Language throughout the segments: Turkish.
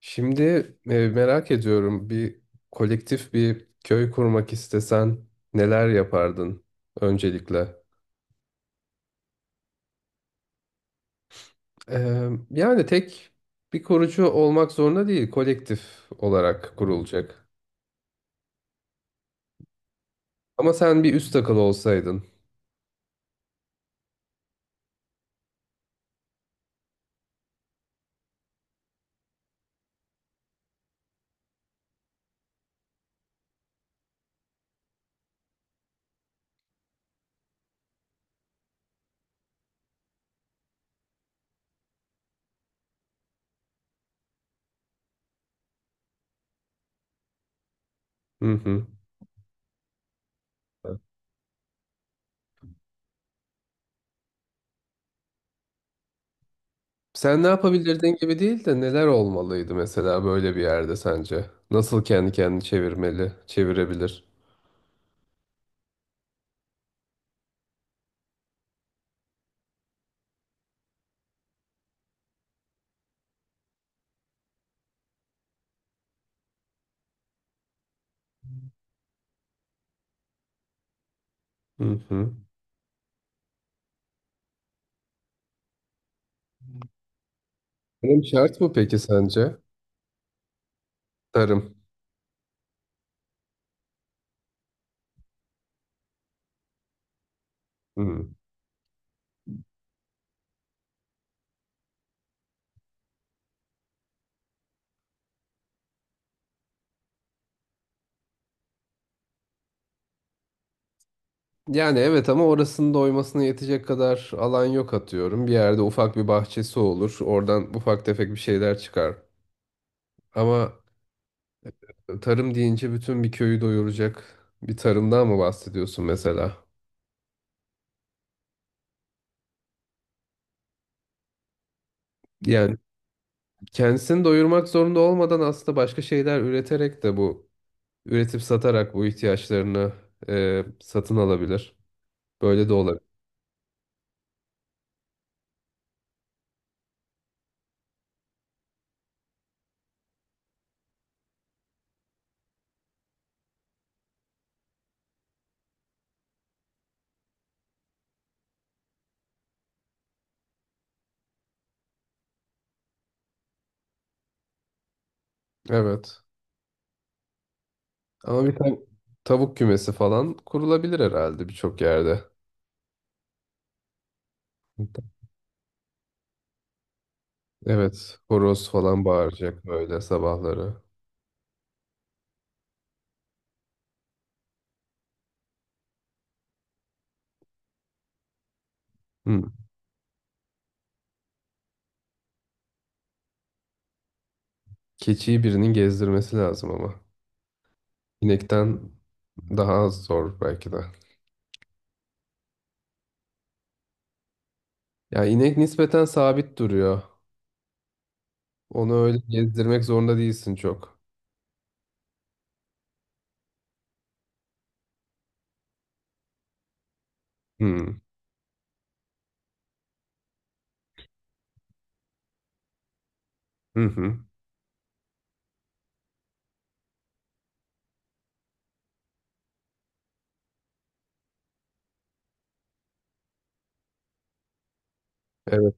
Şimdi merak ediyorum bir kolektif bir köy kurmak istesen neler yapardın öncelikle? Yani tek bir kurucu olmak zorunda değil, kolektif olarak kurulacak. Ama sen bir üst akıl olsaydın. Hı hı. Sen ne yapabilirdin gibi değil de neler olmalıydı mesela böyle bir yerde sence? Nasıl kendi kendini çevirmeli, çevirebilir? Hı hı. Tarım şart mı peki sence? Tarım. Hı. Yani evet ama orasının da oymasına yetecek kadar alan yok atıyorum. Bir yerde ufak bir bahçesi olur. Oradan ufak tefek bir şeyler çıkar. Ama tarım deyince bütün bir köyü doyuracak bir tarımdan mı bahsediyorsun mesela? Yani kendisini doyurmak zorunda olmadan aslında başka şeyler üreterek de bu üretip satarak bu ihtiyaçlarını satın alabilir. Böyle de olabilir. Evet. Ama tavuk kümesi falan kurulabilir herhalde birçok yerde. Evet, horoz falan bağıracak böyle sabahları. Hı. Keçiyi birinin gezdirmesi lazım ama. İnekten daha az zor belki de. Ya inek nispeten sabit duruyor. Onu öyle gezdirmek zorunda değilsin çok. Hı. Hı hı. Evet,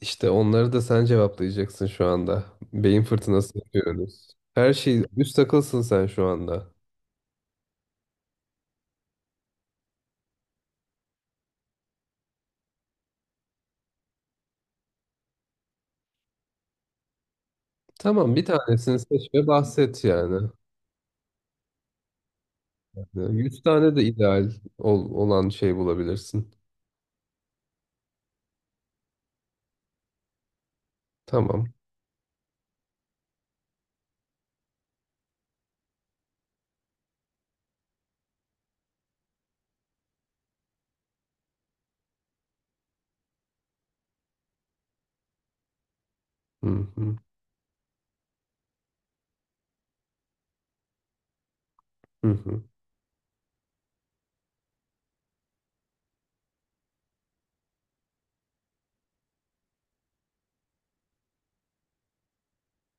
işte onları da sen cevaplayacaksın şu anda. Beyin fırtınası yapıyoruz. Her şey üst takılsın sen şu anda. Tamam, bir tanesini seç ve bahset yani. Yani yüz tane de ideal olan şey bulabilirsin. Tamam. Hı hı, hı hı.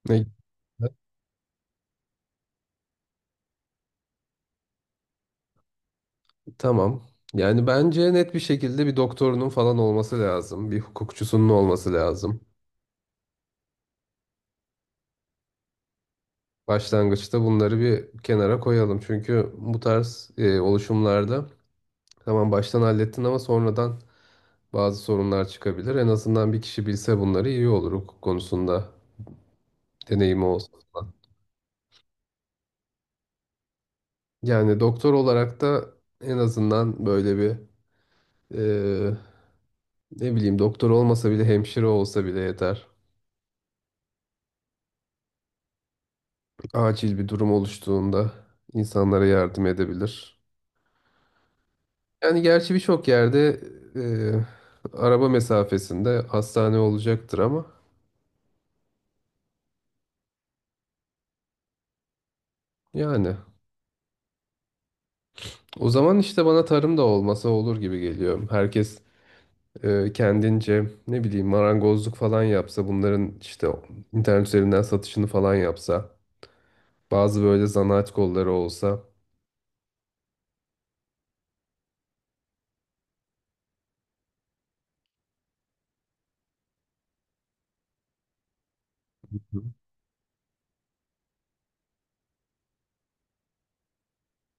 Ne- Tamam. Yani bence net bir şekilde bir doktorunun falan olması lazım. Bir hukukçusunun olması lazım. Başlangıçta bunları bir kenara koyalım. Çünkü bu tarz oluşumlarda tamam baştan hallettin ama sonradan bazı sorunlar çıkabilir. En azından bir kişi bilse bunları iyi olur hukuk konusunda deneyimi olsa falan. Yani doktor olarak da en azından böyle bir e, ne bileyim doktor olmasa bile hemşire olsa bile yeter. Acil bir durum oluştuğunda insanlara yardım edebilir. Yani gerçi birçok yerde araba mesafesinde hastane olacaktır ama yani o zaman işte bana tarım da olmasa olur gibi geliyor. Herkes kendince ne bileyim marangozluk falan yapsa bunların işte internet üzerinden satışını falan yapsa bazı böyle zanaat kolları olsa.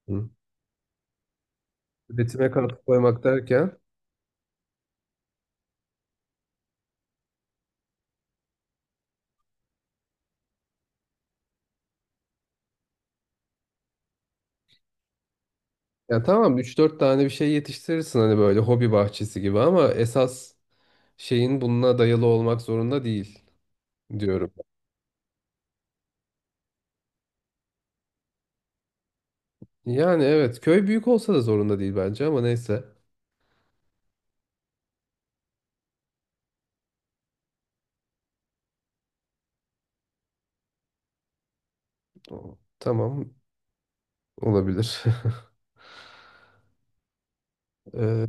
Hı. Üretime katkı koymak derken. Ya tamam üç dört tane bir şey yetiştirirsin hani böyle hobi bahçesi gibi ama esas şeyin bununla dayalı olmak zorunda değil diyorum. Yani evet köy büyük olsa da zorunda değil bence ama neyse. O- Tamam olabilir. Ee,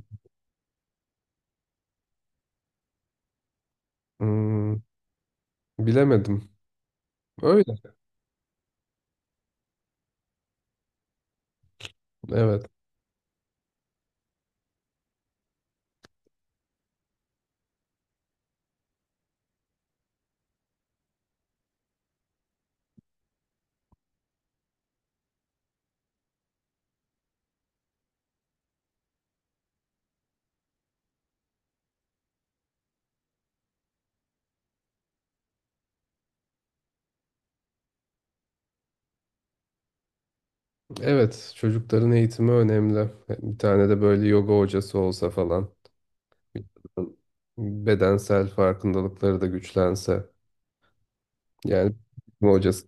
hmm, bilemedim. Öyle. Evet. Evet çocukların eğitimi önemli. Bir tane de böyle yoga hocası olsa falan. Bedensel farkındalıkları da güçlense. Yani hocası.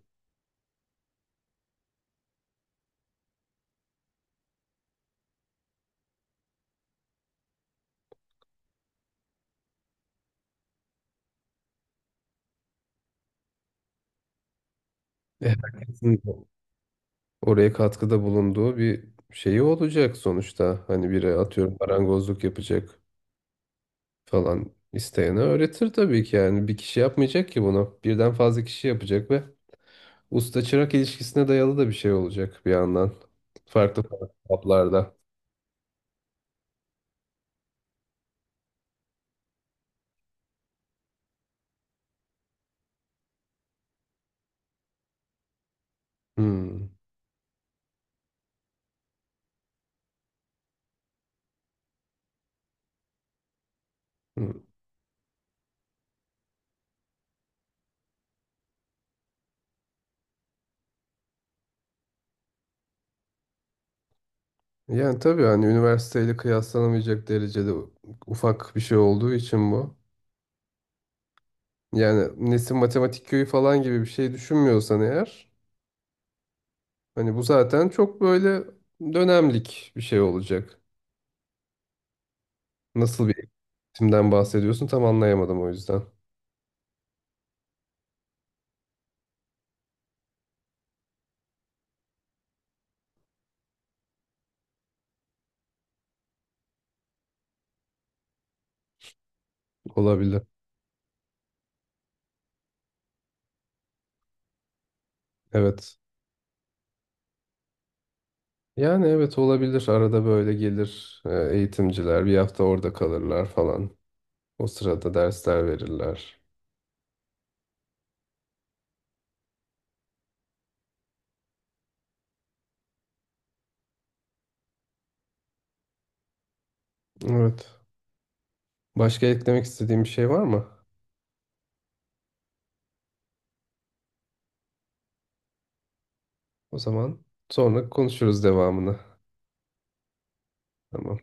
Oraya katkıda bulunduğu bir şeyi olacak sonuçta. Hani biri atıyorum marangozluk yapacak falan isteyene öğretir tabii ki yani bir kişi yapmayacak ki bunu. Birden fazla kişi yapacak ve usta çırak ilişkisine dayalı da bir şey olacak bir yandan. Farklı farklı kaplarda. Hmm. Hmm. Yani tabii hani üniversiteyle kıyaslanamayacak derecede ufak bir şey olduğu için bu. Yani Nesin Matematik Köyü falan gibi bir şey düşünmüyorsan eğer. Hani bu zaten çok böyle dönemlik bir şey olacak. Nasıl bir eğitimden bahsediyorsun tam anlayamadım o yüzden. Olabilir. Evet. Yani evet olabilir. Arada böyle gelir eğitimciler bir hafta orada kalırlar falan. O sırada dersler verirler. Evet. Başka eklemek istediğim bir şey var mı? O zaman sonra konuşuruz devamını. Tamam.